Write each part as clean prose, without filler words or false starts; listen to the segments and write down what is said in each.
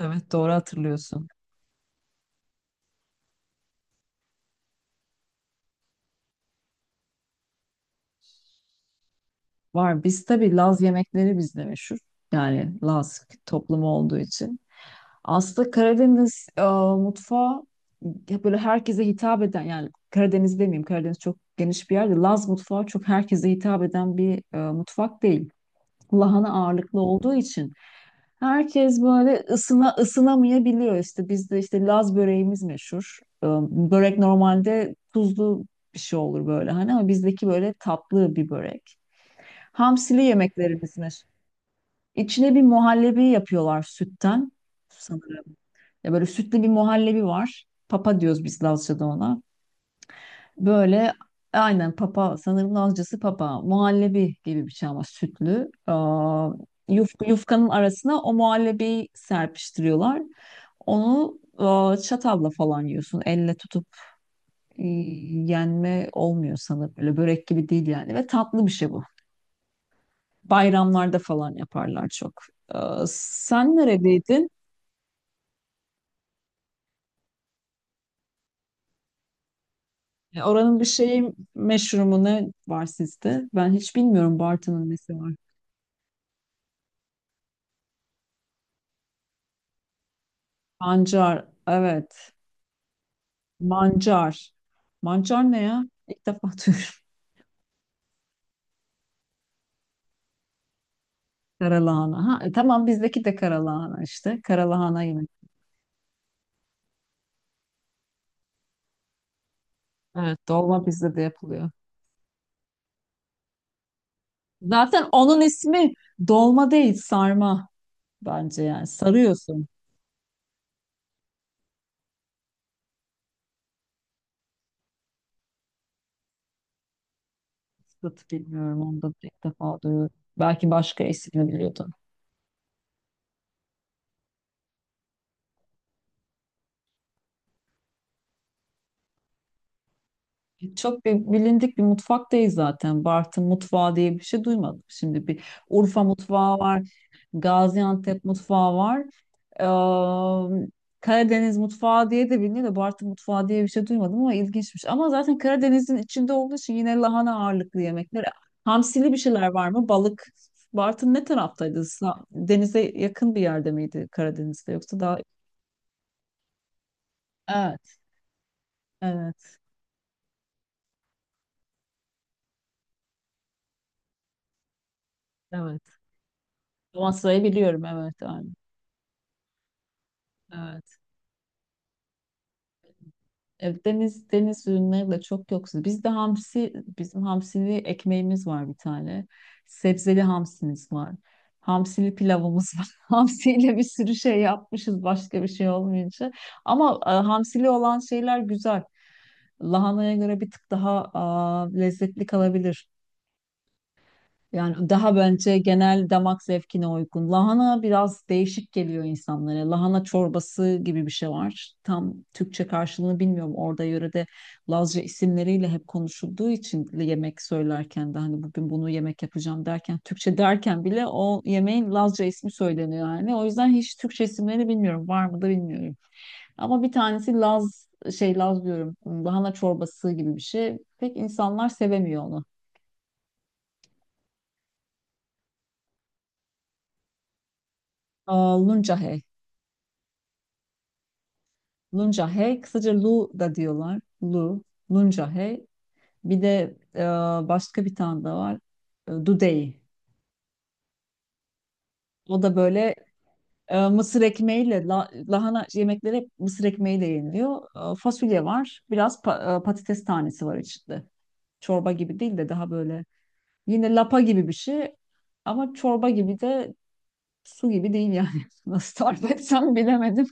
Evet doğru hatırlıyorsun. Var. Biz tabii Laz yemekleri bizde meşhur. Yani Laz toplumu olduğu için. Aslında Karadeniz mutfağı ya böyle herkese hitap eden, yani Karadeniz demeyeyim, Karadeniz çok geniş bir yerde. Laz mutfağı çok herkese hitap eden bir mutfak değil. Lahana ağırlıklı olduğu için herkes böyle ısına ısınamayabiliyor. İşte bizde işte Laz böreğimiz meşhur. Börek normalde tuzlu bir şey olur böyle hani, ama bizdeki böyle tatlı bir börek. Hamsili yemeklerimiz meşhur. İçine bir muhallebi yapıyorlar sütten sanırım. Ya böyle sütlü bir muhallebi var. Papa diyoruz biz Lazca'da ona. Böyle aynen papa, sanırım Lazcası papa, muhallebi gibi bir şey ama sütlü. Yufkanın arasına o muhallebiyi serpiştiriyorlar. Onu çatalla falan yiyorsun. Elle tutup e, yenme olmuyor sanırım. Böyle börek gibi değil yani, ve tatlı bir şey bu. Bayramlarda falan yaparlar çok. Aa, sen neredeydin? E, oranın bir şeyi meşhur mu, ne var sizde? Ben hiç bilmiyorum Bartın'ın nesi var. Pancar, evet. Mancar. Mancar ne ya? İlk defa duyuyorum. Karalahana. Ha, e, tamam, bizdeki de karalahana işte. Karalahana yemek. Evet, dolma bizde de yapılıyor. Zaten onun ismi dolma değil, sarma bence yani. Sarıyorsun. Sıtı bilmiyorum, onu da ilk defa duyuyorum. Belki başka ismini biliyordum. Çok bilindik bir mutfak değil zaten. Bartın mutfağı diye bir şey duymadım. Şimdi bir Urfa mutfağı var, Gaziantep mutfağı var. Eee, Karadeniz mutfağı diye de biliniyor da Bartın mutfağı diye bir şey duymadım, ama ilginçmiş. Ama zaten Karadeniz'in içinde olduğu için yine lahana ağırlıklı yemekler. Hamsili bir şeyler var mı? Balık. Bartın ne taraftaydı? Denize yakın bir yerde miydi Karadeniz'de, yoksa daha... Evet, evet, evet. Amasra'yı biliyorum, evet, aynen. Evet. Evet, deniz ürünleri de çok yoksul. Bizde hamsi, bizim hamsili ekmeğimiz var bir tane. Sebzeli hamsimiz var. Hamsili pilavımız var. Hamsiyle bir sürü şey yapmışız başka bir şey olmayınca. Ama hamsili olan şeyler güzel. Lahanaya göre bir tık daha lezzetli kalabilir. Yani daha bence genel damak zevkine uygun. Lahana biraz değişik geliyor insanlara. Lahana çorbası gibi bir şey var. Tam Türkçe karşılığını bilmiyorum. Orada yörede Lazca isimleriyle hep konuşulduğu için yemek söylerken de hani bugün bunu yemek yapacağım derken, Türkçe derken bile o yemeğin Lazca ismi söyleniyor yani. O yüzden hiç Türkçe isimleri bilmiyorum. Var mı da bilmiyorum. Ama bir tanesi Laz, Laz diyorum. Lahana çorbası gibi bir şey. Pek insanlar sevemiyor onu. Aa, Luncahe. Luncahe, kısaca Lu da diyorlar. Lu, Luncahe. Bir de başka bir tane de var. E, Dudey. O da böyle mısır ekmeğiyle, lahana yemekleri hep mısır ekmeğiyle yeniliyor. E, fasulye var, biraz patates tanesi var içinde. Çorba gibi değil de daha böyle yine lapa gibi bir şey. Ama çorba gibi de su gibi değil yani. Nasıl tarif etsem bilemedim.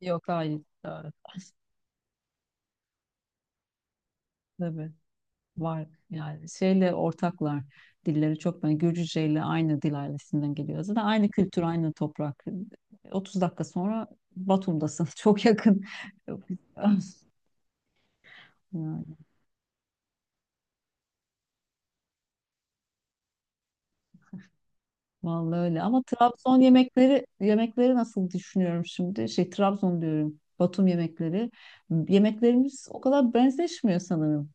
Yok hayır. Evet. Tabii. Var yani, şeyle ortaklar, dilleri çok, ben Gürcüce ile aynı dil ailesinden geliyor. Zaten aynı kültür, aynı toprak. 30 dakika sonra Batum'dasın. Çok yakın. Çok güzel. Yani, vallahi öyle. Ama Trabzon yemekleri nasıl düşünüyorum şimdi? Şey, Trabzon diyorum, Batum yemekleri. Yemeklerimiz o kadar benzeşmiyor sanırım.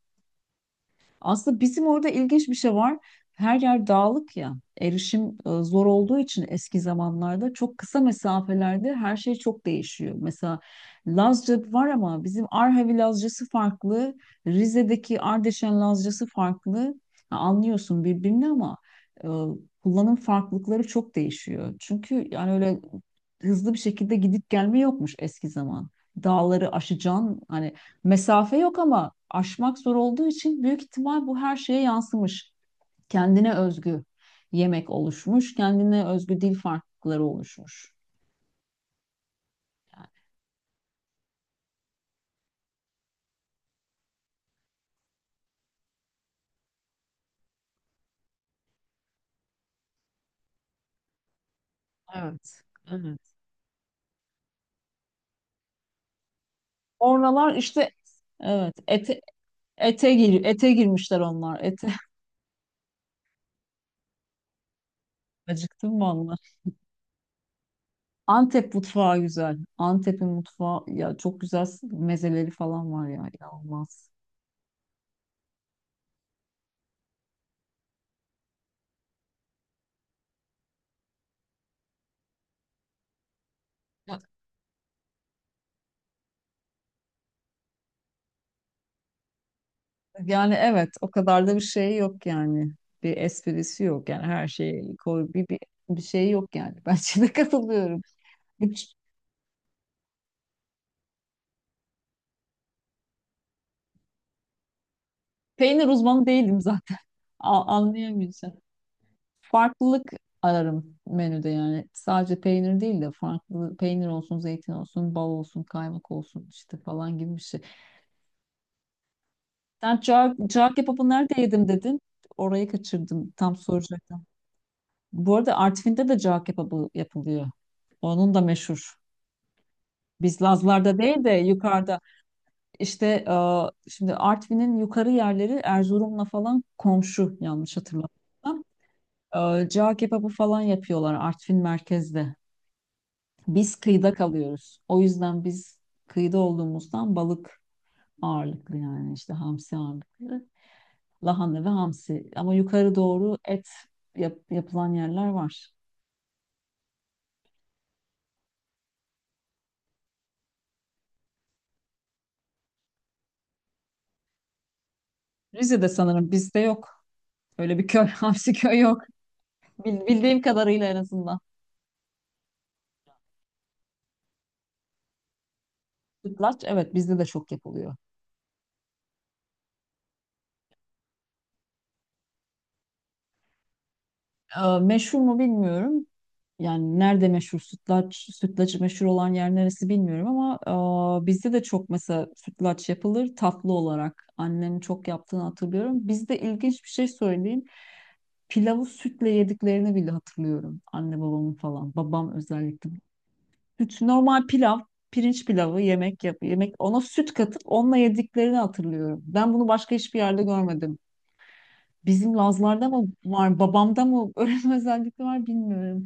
Aslında bizim orada ilginç bir şey var. Her yer dağlık ya. Erişim zor olduğu için eski zamanlarda çok kısa mesafelerde her şey çok değişiyor. Mesela Lazca var ama bizim Arhavi Lazcası farklı, Rize'deki Ardeşen Lazcası farklı. Ha, anlıyorsun birbirini ama e, kullanım farklılıkları çok değişiyor. Çünkü yani öyle hızlı bir şekilde gidip gelme yokmuş eski zaman. Dağları aşacaksın, hani mesafe yok ama aşmak zor olduğu için büyük ihtimal bu her şeye yansımış. Kendine özgü yemek oluşmuş, kendine özgü dil farklılıkları oluşmuş. Yani evet, evet, oralar işte evet, ete ete gir ete girmişler onlar. Ete acıktım vallahi. Antep mutfağı güzel. Antep'in mutfağı ya, çok güzel mezeleri falan var ya, inanılmaz. Yani evet, o kadar da bir şey yok yani. Bir esprisi yok yani, her şeyi koy, bir şey yok yani. Ben de katılıyorum. Hiç, peynir uzmanı değilim zaten. Anlayamıyorsun. Farklılık ararım menüde yani. Sadece peynir değil de farklı peynir olsun, zeytin olsun, bal olsun, kaymak olsun işte falan gibi bir şey. Sen cağ kebabı nerede yedim dedin? Orayı kaçırdım. Tam soracaktım. Bu arada Artvin'de de cağ kebabı yapılıyor. Onun da meşhur. Biz Lazlar'da değil de yukarıda işte şimdi Artvin'in yukarı yerleri Erzurum'la falan komşu, yanlış hatırlamıyorsam. E, cağ kebabı falan yapıyorlar Artvin merkezde. Biz kıyıda kalıyoruz. O yüzden biz kıyıda olduğumuzdan balık ağırlıklı yani, işte hamsi ağırlıklı. Lahana ve hamsi. Ama yukarı doğru et yapılan yerler var. Rize'de sanırım, bizde yok. Öyle bir köy, hamsi köy yok. Bildiğim kadarıyla en azından. Sütlaç, evet, bizde de çok yapılıyor. Meşhur mu bilmiyorum. Yani nerede meşhur sütlaç, sütlacı meşhur olan yer neresi bilmiyorum ama bizde de çok mesela sütlaç yapılır tatlı olarak. Annemin çok yaptığını hatırlıyorum. Bizde ilginç bir şey söyleyeyim. Pilavı sütle yediklerini bile hatırlıyorum. Anne babamın falan. Babam özellikle. Süt, normal pilav, pirinç pilavı, yemek yap, yemek ona süt katıp onunla yediklerini hatırlıyorum. Ben bunu başka hiçbir yerde görmedim. Bizim Lazlarda mı var, babamda mı öyle bir özellik var, bilmiyorum.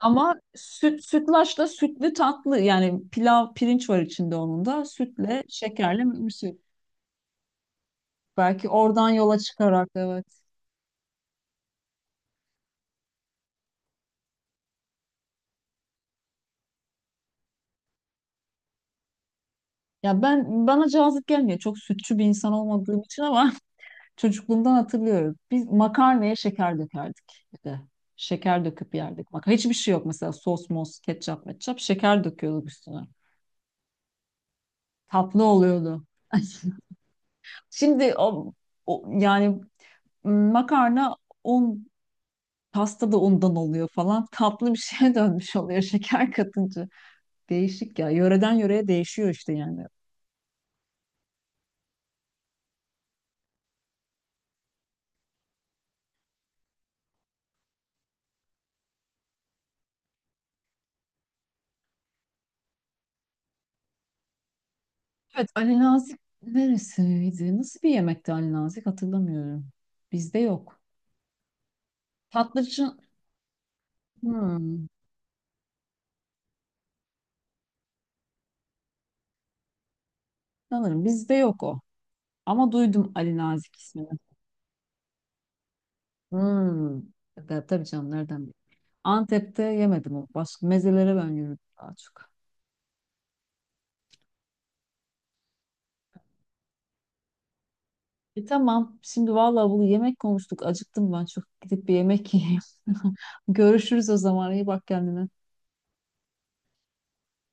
Ama süt, sütlaçla sütlü tatlı yani pilav, pirinç var içinde, onun da sütle şekerle mümsü. Belki oradan yola çıkarak, evet. Ya ben bana cazip gelmiyor. Çok sütçü bir insan olmadığım için, ama çocukluğumdan hatırlıyorum. Biz makarnaya şeker dökerdik bir de. Şeker döküp yerdik. Bak hiçbir şey yok mesela, sos mos, ketçap metçap, şeker döküyorduk üstüne. Tatlı oluyordu. Şimdi yani makarna, un, pasta da undan oluyor falan. Tatlı bir şeye dönmüş oluyor şeker katınca. Değişik ya. Yöreden yöreye değişiyor işte yani. Evet, Ali Nazik neresiydi? Nasıl bir yemekti Ali Nazik, hatırlamıyorum. Bizde yok. Tatlıcı, hmm, sanırım bizde yok o. Ama duydum Ali Nazik ismini. Hmm. Tabii tabii canım, nereden bileyim. Antep'te yemedim o. Başka mezelere ben yürüdüm daha çok. E tamam. Şimdi vallahi bunu, yemek konuştuk. Acıktım ben çok. Gidip bir yemek yiyeyim. Görüşürüz o zaman. İyi bak kendine.